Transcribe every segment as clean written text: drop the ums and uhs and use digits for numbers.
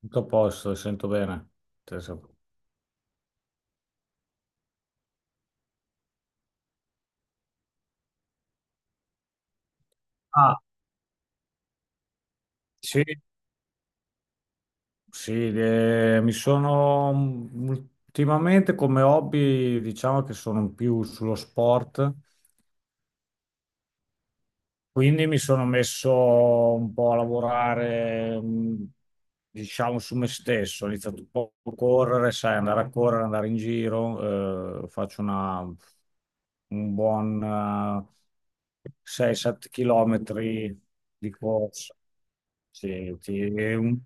Tutto a posto, sento bene. Te so- Ah, sì, sì, ultimamente come hobby, diciamo che sono più sullo sport. Quindi mi sono messo un po' a lavorare, diciamo, su me stesso. Ho iniziato un po' a correre, sai, andare a correre, andare in giro. Faccio un buon 6-7 chilometri di corsa. Sì, un-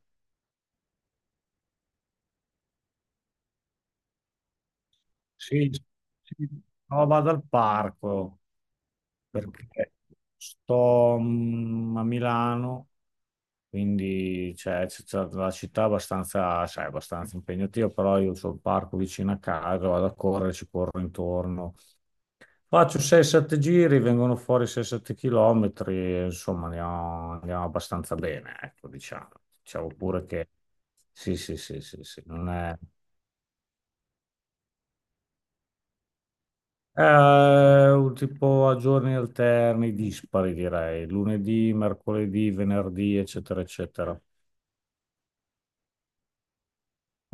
sì, sì. No, vado al parco perché sto, a Milano. Quindi cioè, c'è c'è la città è abbastanza, sai, abbastanza impegnativa, però io ho il parco vicino a casa, vado a correre, ci corro intorno. Faccio 6-7 giri, vengono fuori 6-7 chilometri, insomma andiamo abbastanza bene, ecco, diciamo. Diciamo pure che sì, sì, sì, sì, sì, non è. È un tipo a giorni alterni, dispari direi, lunedì, mercoledì, venerdì, eccetera, eccetera.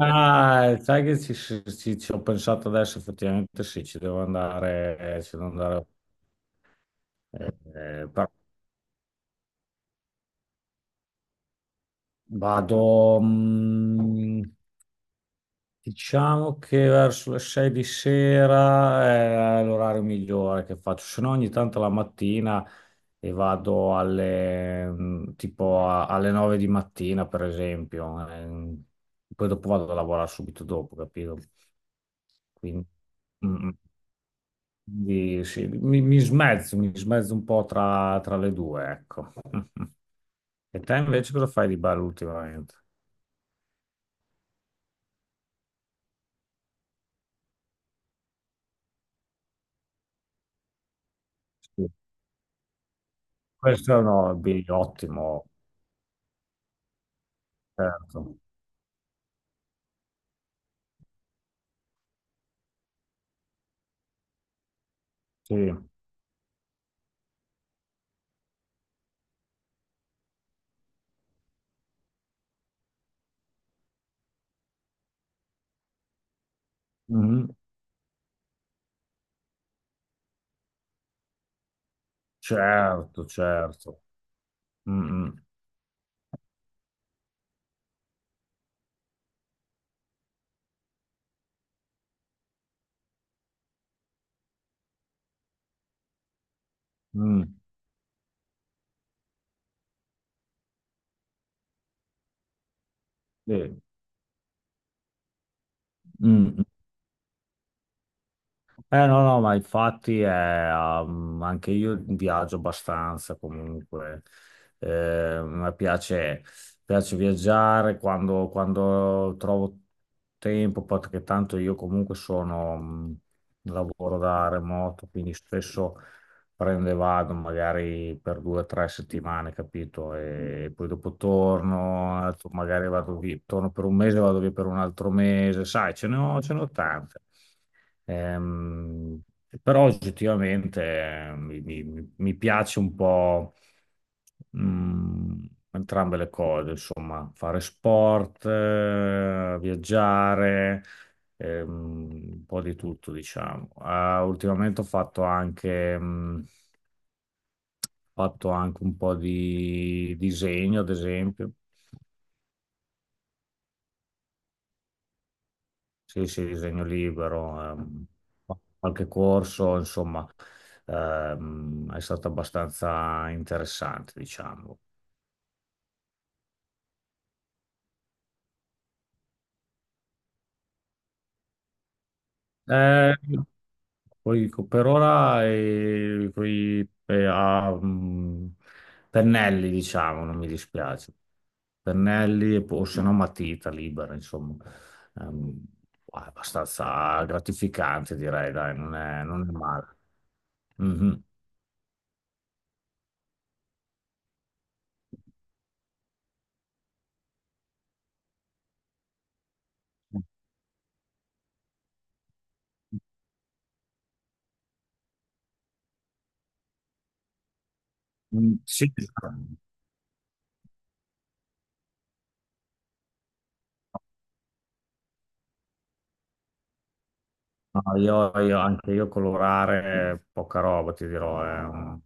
Ah, sai che ci ho pensato adesso, effettivamente sì, ci devo andare, eh, però vado, diciamo che verso le 6 di sera è l'orario migliore che faccio, se no ogni tanto la mattina e vado alle, tipo alle 9 di mattina, per esempio, poi dopo vado a lavorare subito dopo, capito? Quindi, mm, mm. Quindi sì, mi smezzo un po' tra le due, ecco. E te invece cosa fai di bello ultimamente? Sì. Questo è un hobby ottimo, certo. Sì. Mhm. Certo, certo. Mm, mm, mm. Sì. Mm, mm. Eh no, no, ma infatti è, anche io viaggio abbastanza comunque. Eh, a me piace viaggiare quando trovo tempo, perché tanto io comunque lavoro da remoto, quindi spesso prendo e vado magari per 2 o 3 settimane, capito? E poi dopo torno, magari vado via, torno per un mese, vado via per un altro mese, sai, ce ne ho tante. Ehm, però oggettivamente mi piace un po' mm, entrambe le cose, insomma, fare sport, viaggiare, un po' di tutto, diciamo. Ah, ultimamente ho fatto anche un po' di disegno, ad esempio. Sì, sì, disegno libero, qualche corso, insomma, è stato abbastanza interessante, diciamo. Eh, poi per ora pennelli, diciamo, non mi dispiace. Pennelli e o se no matita libera, insomma. Ehm, è abbastanza gratificante, direi, dai, non è male. Mhm. Mm, sì. No, anche io colorare poca roba, ti dirò.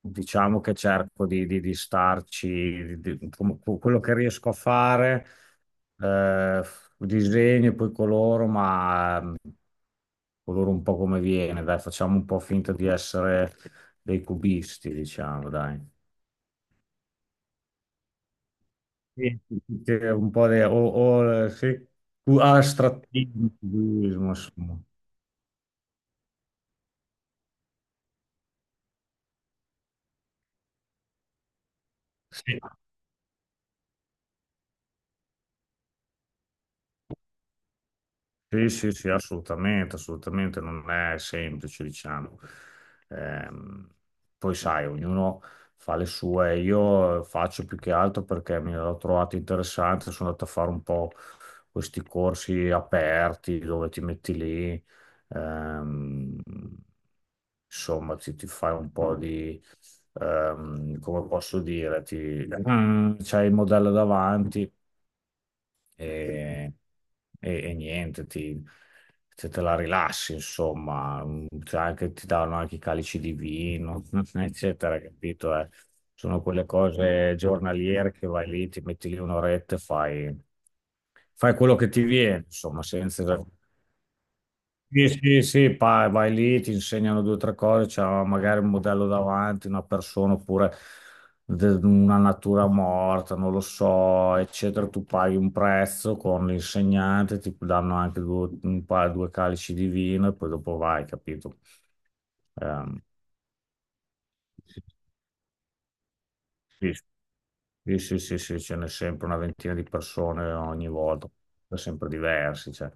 Diciamo che cerco di starci, quello che riesco a fare, eh, disegno e poi coloro, ma coloro un po' come viene, dai, facciamo un po' finta di essere dei cubisti, diciamo, dai. Sì, sì, sì, un po' di o, sì, più astrattismo, cubismo, insomma. Sì. Sì, sì, sì, assolutamente, assolutamente, non è semplice, diciamo. Ehm, poi sai, ognuno fa le sue, io faccio più che altro perché mi l'ho trovato interessante, sono andato a fare un po' questi corsi aperti dove ti metti lì, ehm, insomma, ti fai un po' di, come posso dire, c'hai il modello davanti e, e niente, se te la rilassi, insomma, ti danno anche i calici di vino, eccetera, capito? Sono quelle cose giornaliere che vai lì, ti metti lì un'oretta e fai, quello che ti viene, insomma, senza esagerare. Sì, sì, sì, vai lì, ti insegnano due o tre cose, c'è magari un modello davanti, una persona oppure una natura morta, non lo so, eccetera. Tu paghi un prezzo con l'insegnante, ti danno anche due, un paio, due calici di vino e poi dopo vai, capito? Ehm, sì, sì, sì, sì, sì, ce n'è sempre una ventina di persone ogni volta, sempre diversi, cioè,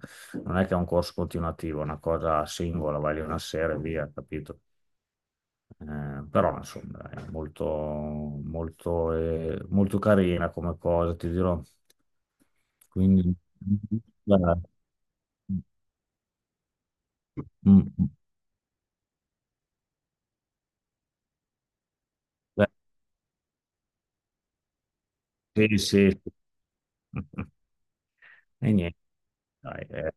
non è che è un corso continuativo, è una cosa singola, vai lì una sera e via, capito? Però insomma è molto, molto, molto carina come cosa, ti dirò. Quindi, guarda, mm, mm, sì, sì, sì. E niente, dai, eh.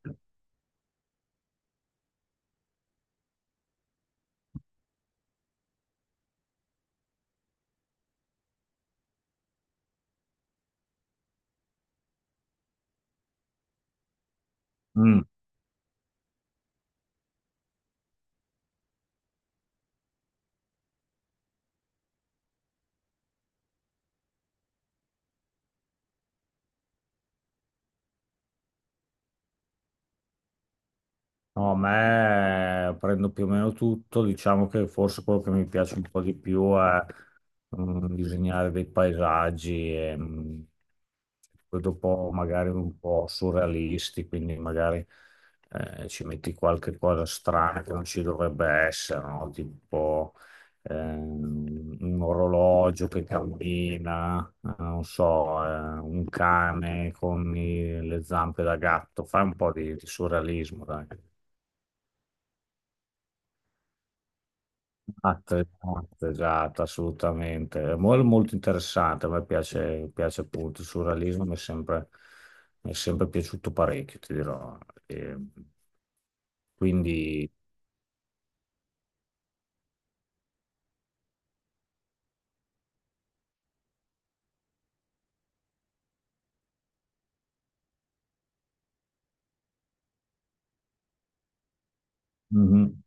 Mm. No, a me prendo più o meno tutto, diciamo che forse quello che mi piace un po' di più è disegnare dei paesaggi e poi dopo magari un po' surrealisti, quindi magari ci metti qualche cosa strana che non ci dovrebbe essere, no? Tipo un orologio che cammina, non so, un cane con le zampe da gatto, fai un po' di surrealismo, dai. Esatto, esatto, esatto, assolutamente. È molto interessante, a me piace, appunto il surrealismo, mi è sempre piaciuto parecchio, ti dirò. E quindi, mhm,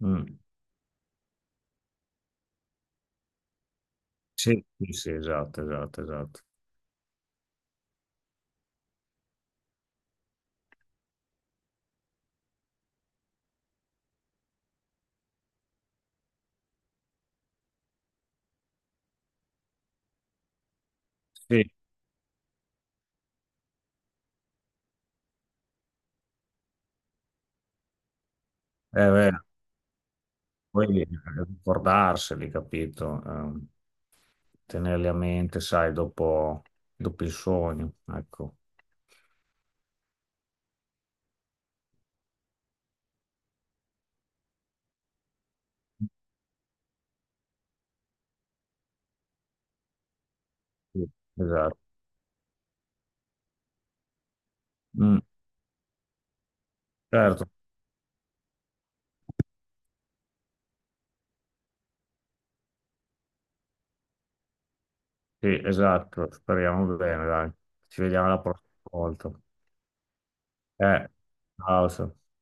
mm. Sì, sì, sì, esatto, esatto, esatto. Sì, è vero, poi ricordarseli, capito? Tenerli a mente, sai, dopo, il sogno, ecco. Sì, esatto. Mm, certo. Sì, esatto, speriamo bene, dai. Ci vediamo la prossima volta. Eh, ciao. Sam.